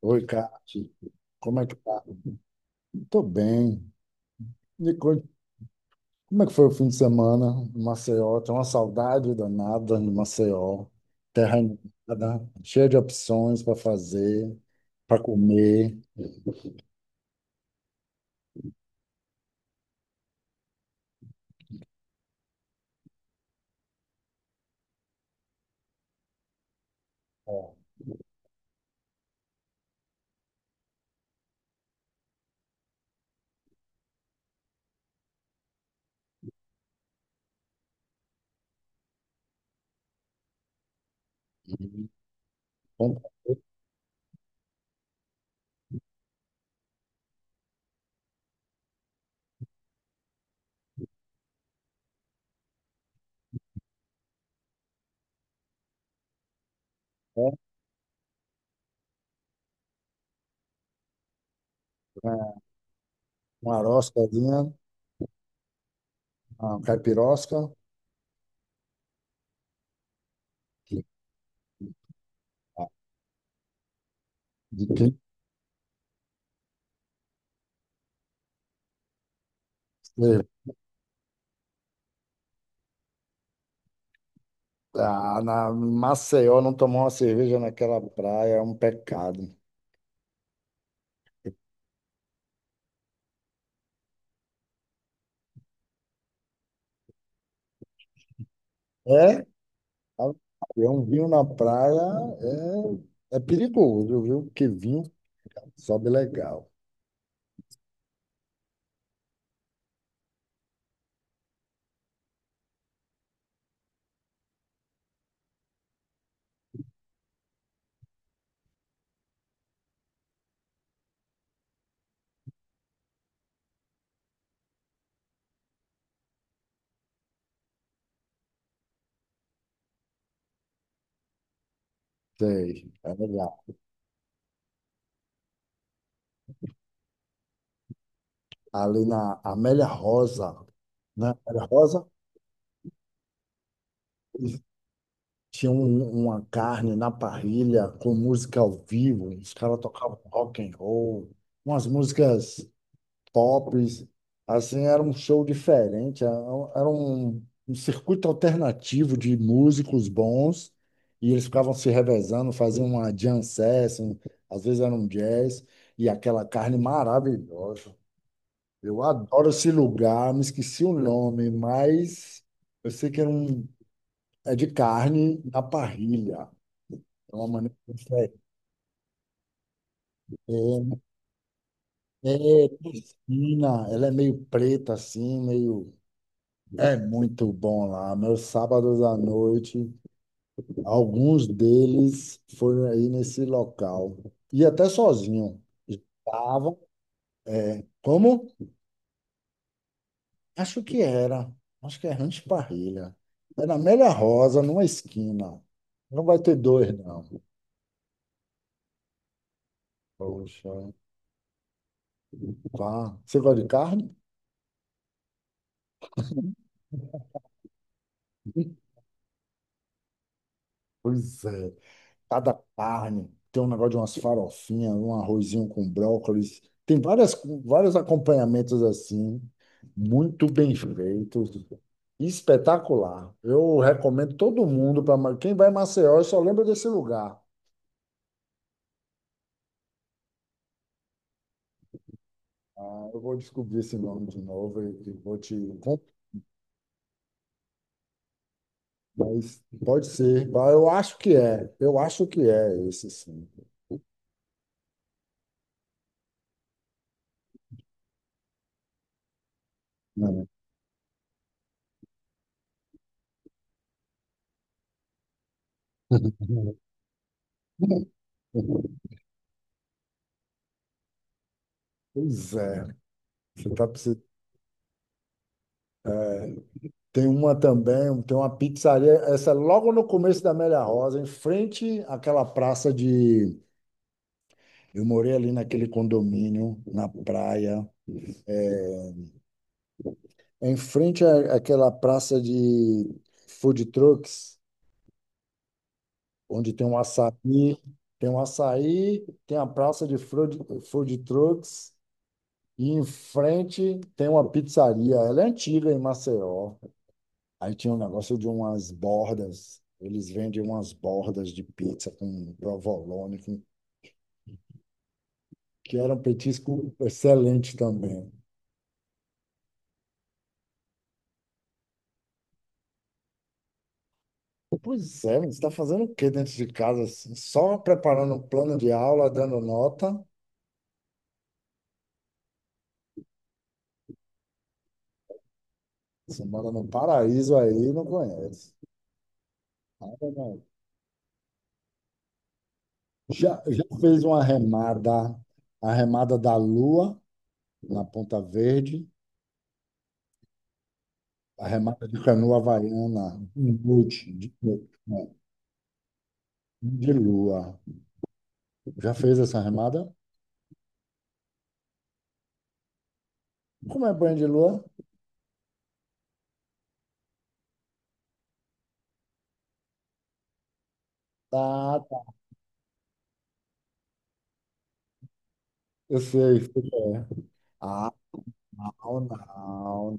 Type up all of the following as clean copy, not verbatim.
Oi, Cássio. Como é que tá? Tô bem. Me conte, como é que foi o fim de semana em Maceió? Tem uma saudade danada de Maceió. Terra inundada, cheia de opções para fazer, para comer. Ó, e bom café, né? Uma aroscazinha, uma caipirosca. De quem você- tá? Ah, na Maceió não tomar uma cerveja naquela praia é um pecado. É? É um vinho na praia é perigoso, viu? Porque vinho sobe legal. Sei, é legal. Ali na Amélia Rosa, né? Amélia Rosa tinha uma carne na parrilha com música ao vivo. Os caras tocavam rock and roll, umas músicas pops, assim, era um show diferente, um circuito alternativo de músicos bons, e eles ficavam se revezando, faziam uma jam session, às vezes era um jazz, e aquela carne maravilhosa. Eu adoro esse lugar, me esqueci o nome, mas eu sei que é de carne na parrilha. É uma maneira diferente. Cristina, ela é meio preta assim, meio é muito bom lá. Meus sábados à noite, alguns deles foram aí nesse local. E até sozinho. Estava. Como? Acho que era. Acho que é Rancho Parrilha. Era Amélia Rosa, numa esquina. Não vai ter dois, não. Poxa, pá. Você gosta de carne? Pois é. Cada carne tem um negócio de umas farofinhas, um arrozinho com brócolis. Tem várias, vários acompanhamentos assim, muito bem feitos, espetacular. Eu recomendo todo mundo para quem vai em Maceió, e só lembra desse lugar. Ah, eu vou descobrir esse nome de novo e vou te contar. Mas pode ser. Ah, eu acho que é esse sim. É. Pois é, você está precisando. Tem uma também, tem uma pizzaria, essa é logo no começo da Amélia Rosa, em frente àquela praça de. Eu morei ali naquele condomínio, na praia, em frente àquela praça de food trucks, onde tem um açaí, tem um açaí, tem a praça de food trucks, e em frente tem uma pizzaria. Ela é antiga em Maceió. Aí tinha um negócio de umas bordas, eles vendem umas bordas de pizza com provolone, com- que era um petisco excelente também. Pois é, você está fazendo o quê dentro de casa, assim? Só preparando um plano de aula, dando nota? Você mora no paraíso aí, e não conhece. Ah, não. Já fez uma remada, a remada da lua na Ponta Verde, a remada de canoa havaiana, um boot de, né, de lua. Já fez essa remada? Como é banho de lua? Tá, tá. Eu sei. Ah, não, não, não,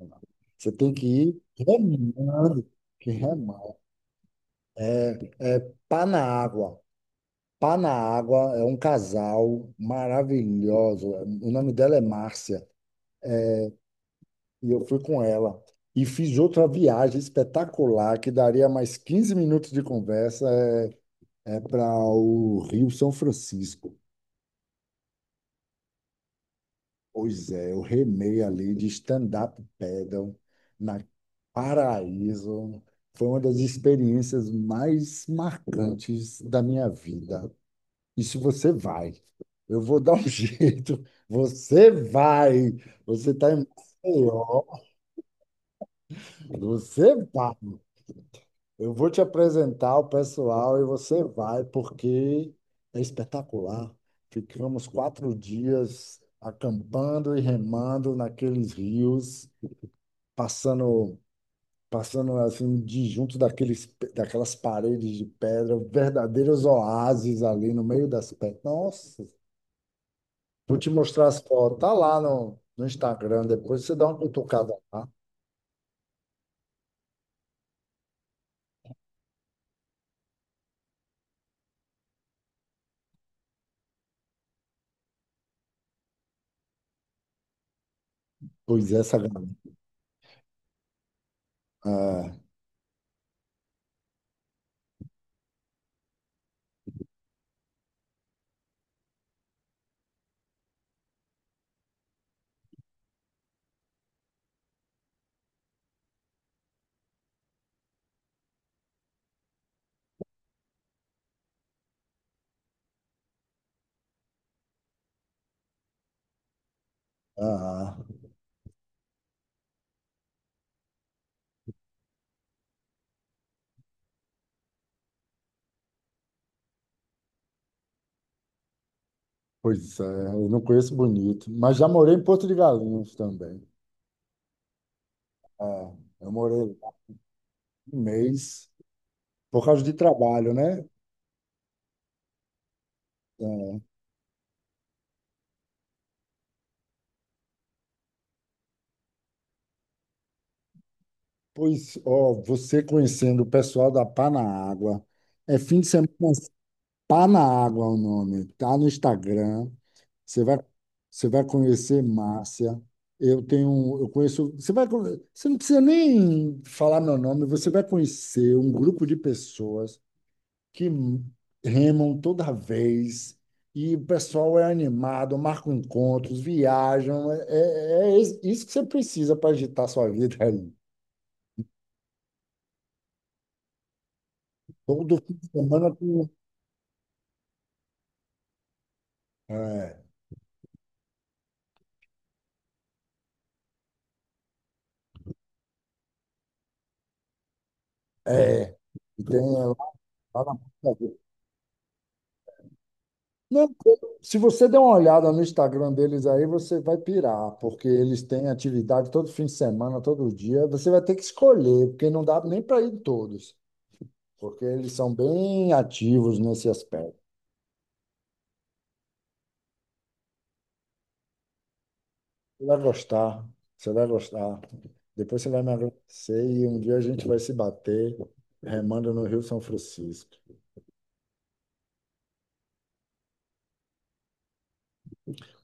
não. Você tem que ir remando. Que remando. É pá na água. Pá na água é um casal maravilhoso. O nome dela é Márcia. E eu fui com ela. E fiz outra viagem espetacular que daria mais 15 minutos de conversa. É, para o Rio São Francisco. Pois é, eu remei ali de stand-up paddle na Paraíso. Foi uma das experiências mais marcantes da minha vida. E se você vai, eu vou dar um jeito. Você vai. Você está em Maceió. Você vai. Eu vou te apresentar o pessoal e você vai, porque é espetacular. Ficamos 4 dias acampando e remando naqueles rios passando, assim, disjunto daqueles, daquelas paredes de pedra, verdadeiros oásis ali no meio das pedras. Nossa, vou te mostrar as fotos. Tá lá no, no Instagram, depois você dá uma cutucada lá. Pois é, essa galera. É, ah, pois é, eu não conheço bonito, mas já morei em Porto de Galinhas também. Ah, eu morei lá um mês por causa de trabalho, né? É. Pois, ó, você conhecendo o pessoal da Pá na Água, é fim de semana. Tá na água o nome, tá no Instagram. Você vai, você vai conhecer Márcia. Eu tenho, um, eu conheço. Você vai, você não precisa nem falar meu nome. Você vai conhecer um grupo de pessoas que remam toda vez e o pessoal é animado, marcam encontros, viajam. É, isso que você precisa para agitar sua vida aí. Todo fim de semana tem, um, é, é, tem lá na. Não, se você der uma olhada no Instagram deles aí, você vai pirar, porque eles têm atividade todo fim de semana, todo dia. Você vai ter que escolher, porque não dá nem para ir em todos, porque eles são bem ativos nesse aspecto. Você vai gostar, você vai gostar. Depois você vai me agradecer e um dia a gente vai se bater remando no Rio São Francisco.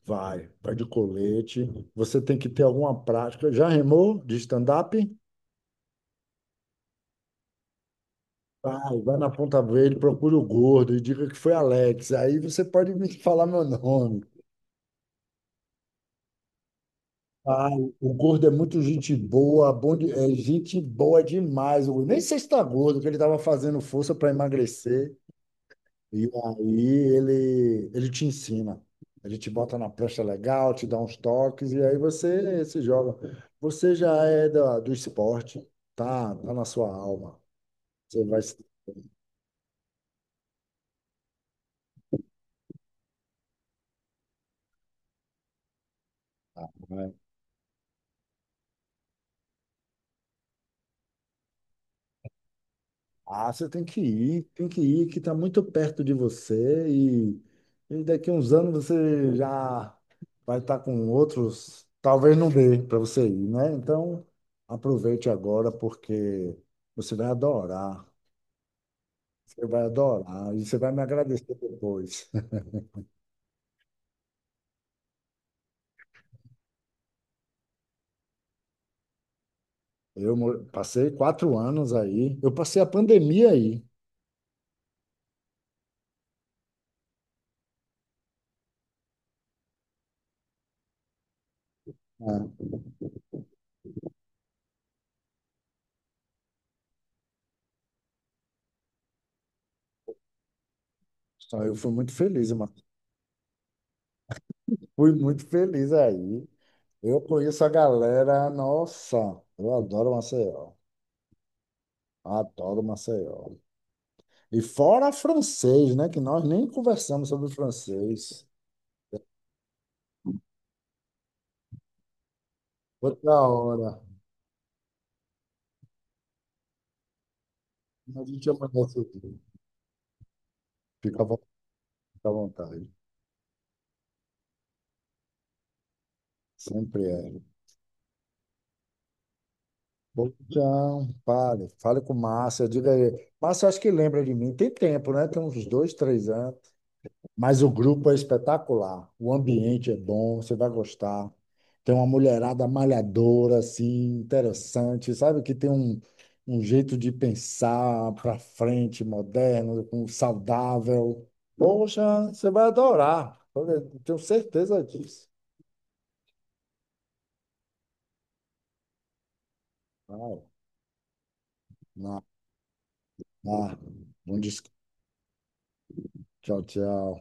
Vai, vai de colete. Você tem que ter alguma prática. Já remou de stand-up? Vai, vai na Ponta Verde, procura o gordo e diga que foi Alex. Aí você pode me falar meu nome. Ah, o gordo é muito gente boa, é gente boa demais. O gordo. Nem sei se está gordo, que ele estava fazendo força para emagrecer. E aí ele te ensina. Ele te bota na prancha legal, te dá uns toques, e aí você se joga. Você já é do esporte, tá, tá na sua alma. Você vai. Ah, você tem que ir, que está muito perto de você e daqui a uns anos você já vai estar com outros, talvez não dê para você ir, né? Então, aproveite agora porque você vai adorar, você vai adorar e você vai me agradecer depois. Passei 4 anos aí, eu passei a pandemia aí, né? Só eu fui muito feliz, mas fui muito feliz aí. Eu conheço a galera, nossa, eu adoro Maceió. Adoro Maceió. E fora francês, né? Que nós nem conversamos sobre francês. Outra hora. A gente amanhece aqui. Fica à vo- Fica à vontade. Sempre é. Bom, então, fale. Fale com Márcia. Diga aí. Márcia, acho que lembra de mim. Tem tempo, né? Tem uns dois, três anos. Mas o grupo é espetacular, o ambiente é bom, você vai gostar. Tem uma mulherada malhadora, assim, interessante, sabe? Que tem um, um jeito de pensar para frente, moderno, com- saudável. Poxa, você vai adorar. Olha, eu tenho certeza disso. Não, não, não. Bom descanso. Tchau, tchau.